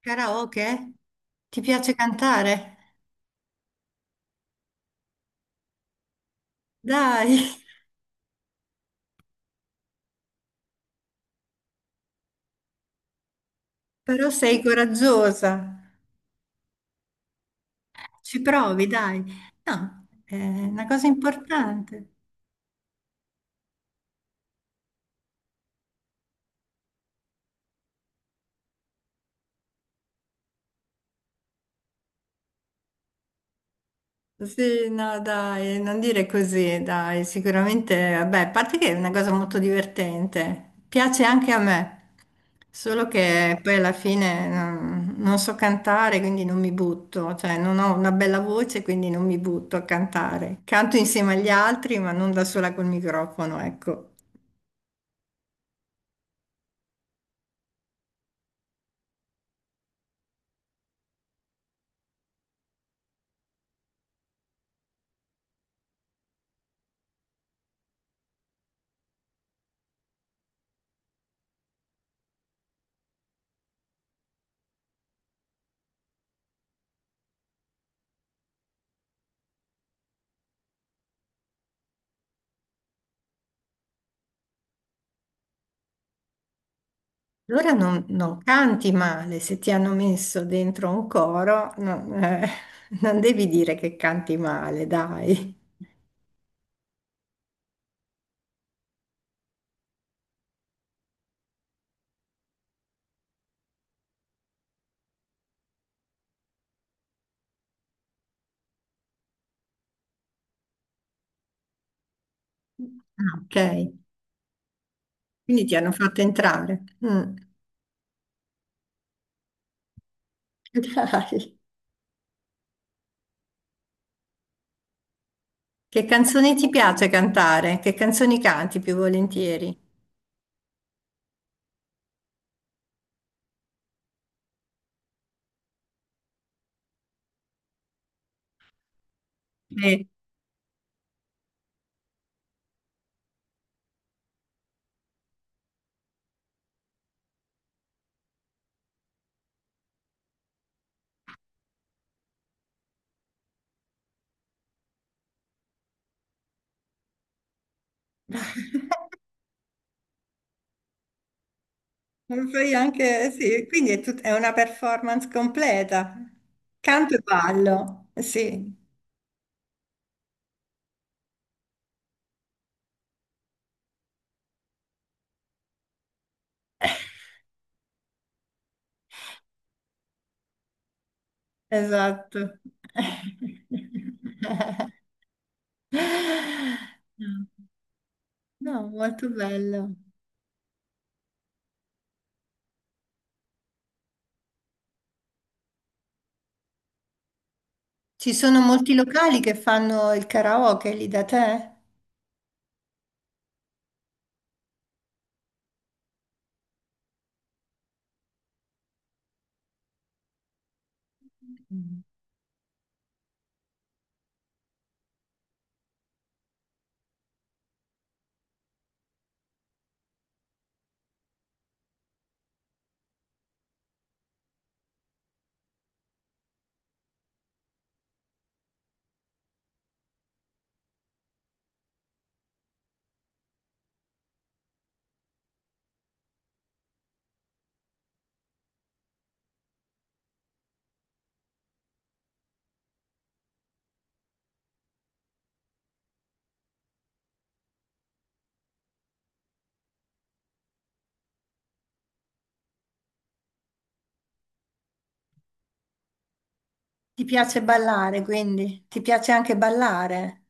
Karaoke? Ti piace cantare? Dai, però sei coraggiosa. Ci provi, dai. No, è una cosa importante. Sì, no, dai, non dire così, dai. Sicuramente, vabbè, a parte che è una cosa molto divertente. Piace anche a me. Solo che poi alla fine non so cantare, quindi non mi butto. Cioè, non ho una bella voce, quindi non mi butto a cantare. Canto insieme agli altri, ma non da sola col microfono, ecco. Allora non canti male, se ti hanno messo dentro un coro, non, non devi dire che canti male, dai. Ah, ok, quindi ti hanno fatto entrare. Mm. Dai. Che canzoni ti piace cantare? Che canzoni canti più volentieri? Sì, lo fai anche, sì, quindi è, è una performance completa. Canto e ballo, sì, esatto. No, molto bello. Ci sono molti locali che fanno il karaoke lì da te? Mm. Ti piace ballare, quindi? Ti piace anche ballare?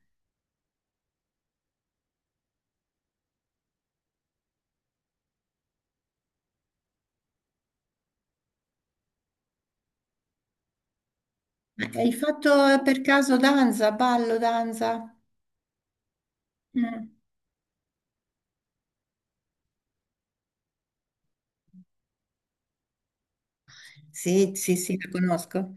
Hai fatto per caso danza, ballo, danza? Mm. Sì, sì, sì, la conosco.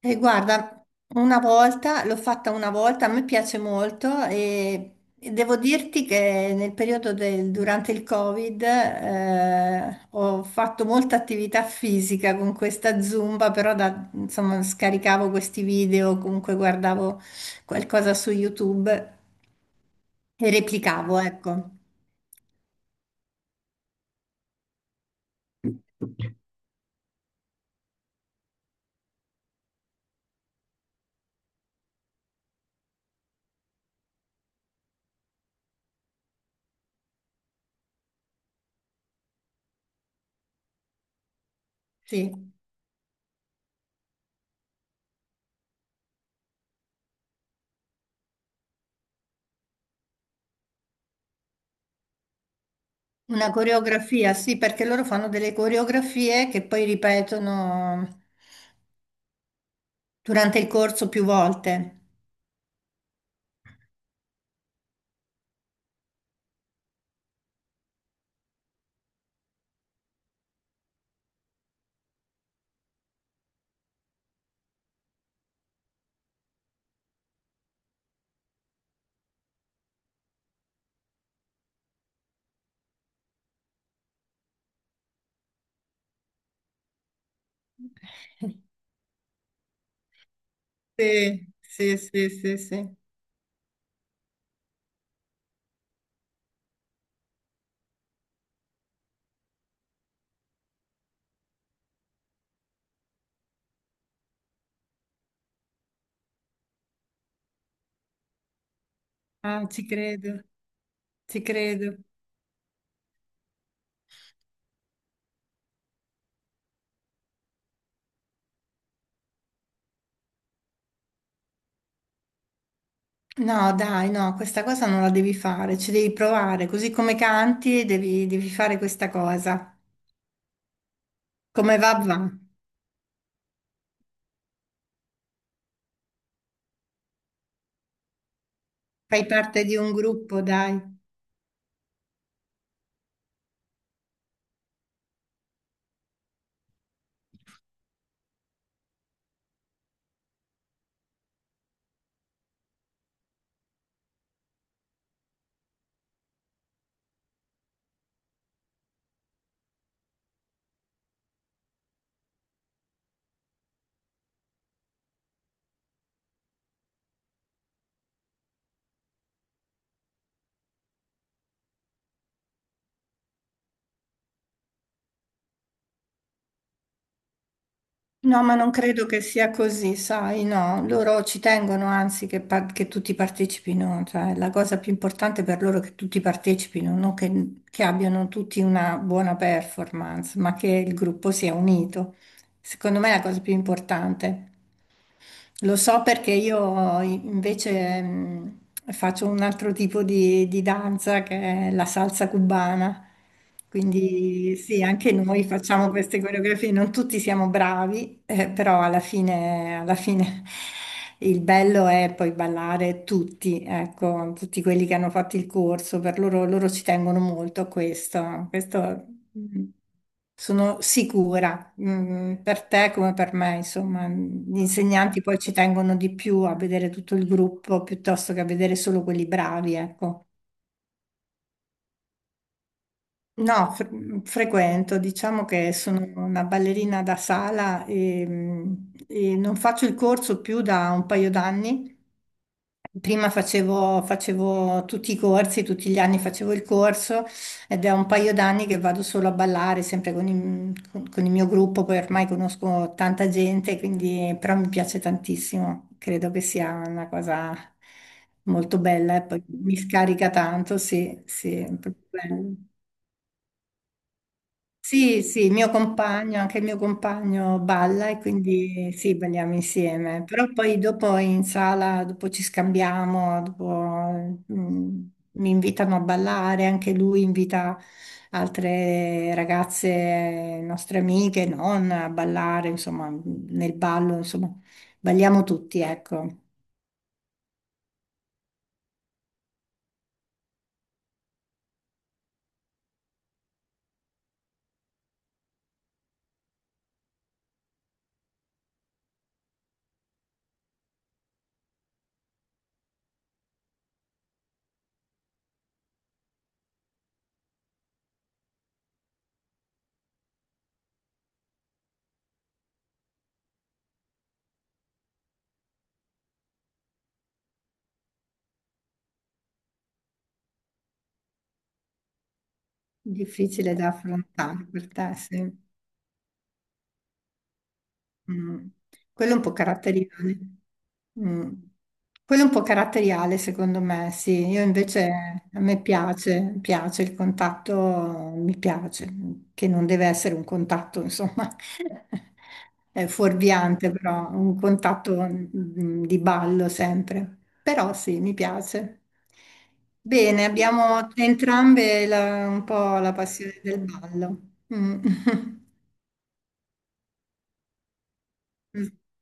E guarda, una volta, l'ho fatta una volta, a me piace molto e devo dirti che nel periodo del, durante il Covid ho fatto molta attività fisica con questa Zumba, però insomma, scaricavo questi video, comunque guardavo qualcosa su YouTube e replicavo, ecco. Sì, una coreografia, sì, perché loro fanno delle coreografie che poi ripetono durante il corso più volte. Sì, sì, sì, sì, sì. Ah, ci credo, ci credo. No, dai, no, questa cosa non la devi fare, ci devi provare, così come canti devi, devi fare questa cosa. Come va, va. Fai parte di un gruppo, dai. No, ma non credo che sia così, sai, no, loro ci tengono anzi che, che tutti partecipino, cioè la cosa più importante per loro è che tutti partecipino, non che, che abbiano tutti una buona performance, ma che il gruppo sia unito. Secondo me è la cosa più importante. Lo so perché io invece faccio un altro tipo di danza che è la salsa cubana. Quindi sì, anche noi facciamo queste coreografie, non tutti siamo bravi, però alla fine il bello è poi ballare tutti, ecco, tutti quelli che hanno fatto il corso, per loro, loro ci tengono molto a questo, questo mh, sono sicura. Mm, per te come per me, insomma, gli insegnanti poi ci tengono di più a vedere tutto il gruppo piuttosto che a vedere solo quelli bravi, ecco. No, frequento, diciamo che sono una ballerina da sala e, mm, e non faccio il corso più da un paio d'anni. Prima facevo, facevo tutti i corsi, tutti gli anni facevo il corso ed è un paio d'anni che vado solo a ballare, sempre con il, con il mio gruppo, poi ormai conosco tanta gente, quindi però mi piace tantissimo, credo che sia una cosa molto bella e poi mi scarica tanto, sì, sì, è proprio bello. Sì, sì, il mio compagno, anche il mio compagno balla e quindi sì, balliamo insieme, però poi dopo in sala, dopo ci scambiamo, dopo mm, mi invitano a ballare, anche lui invita altre ragazze, nostre amiche, non a ballare, insomma, nel ballo, insomma, balliamo tutti, ecco, difficile da affrontare per te, sì. Mm. Quello è un po' caratteriale. Mm. Quello è un po' caratteriale, secondo me, sì. Io invece a me piace, piace il contatto, mi piace, che non deve essere un contatto, insomma, è fuorviante, però un contatto mm, di ballo sempre. Però sì, mi piace. Bene, abbiamo entrambe un po' la passione del ballo. Mm.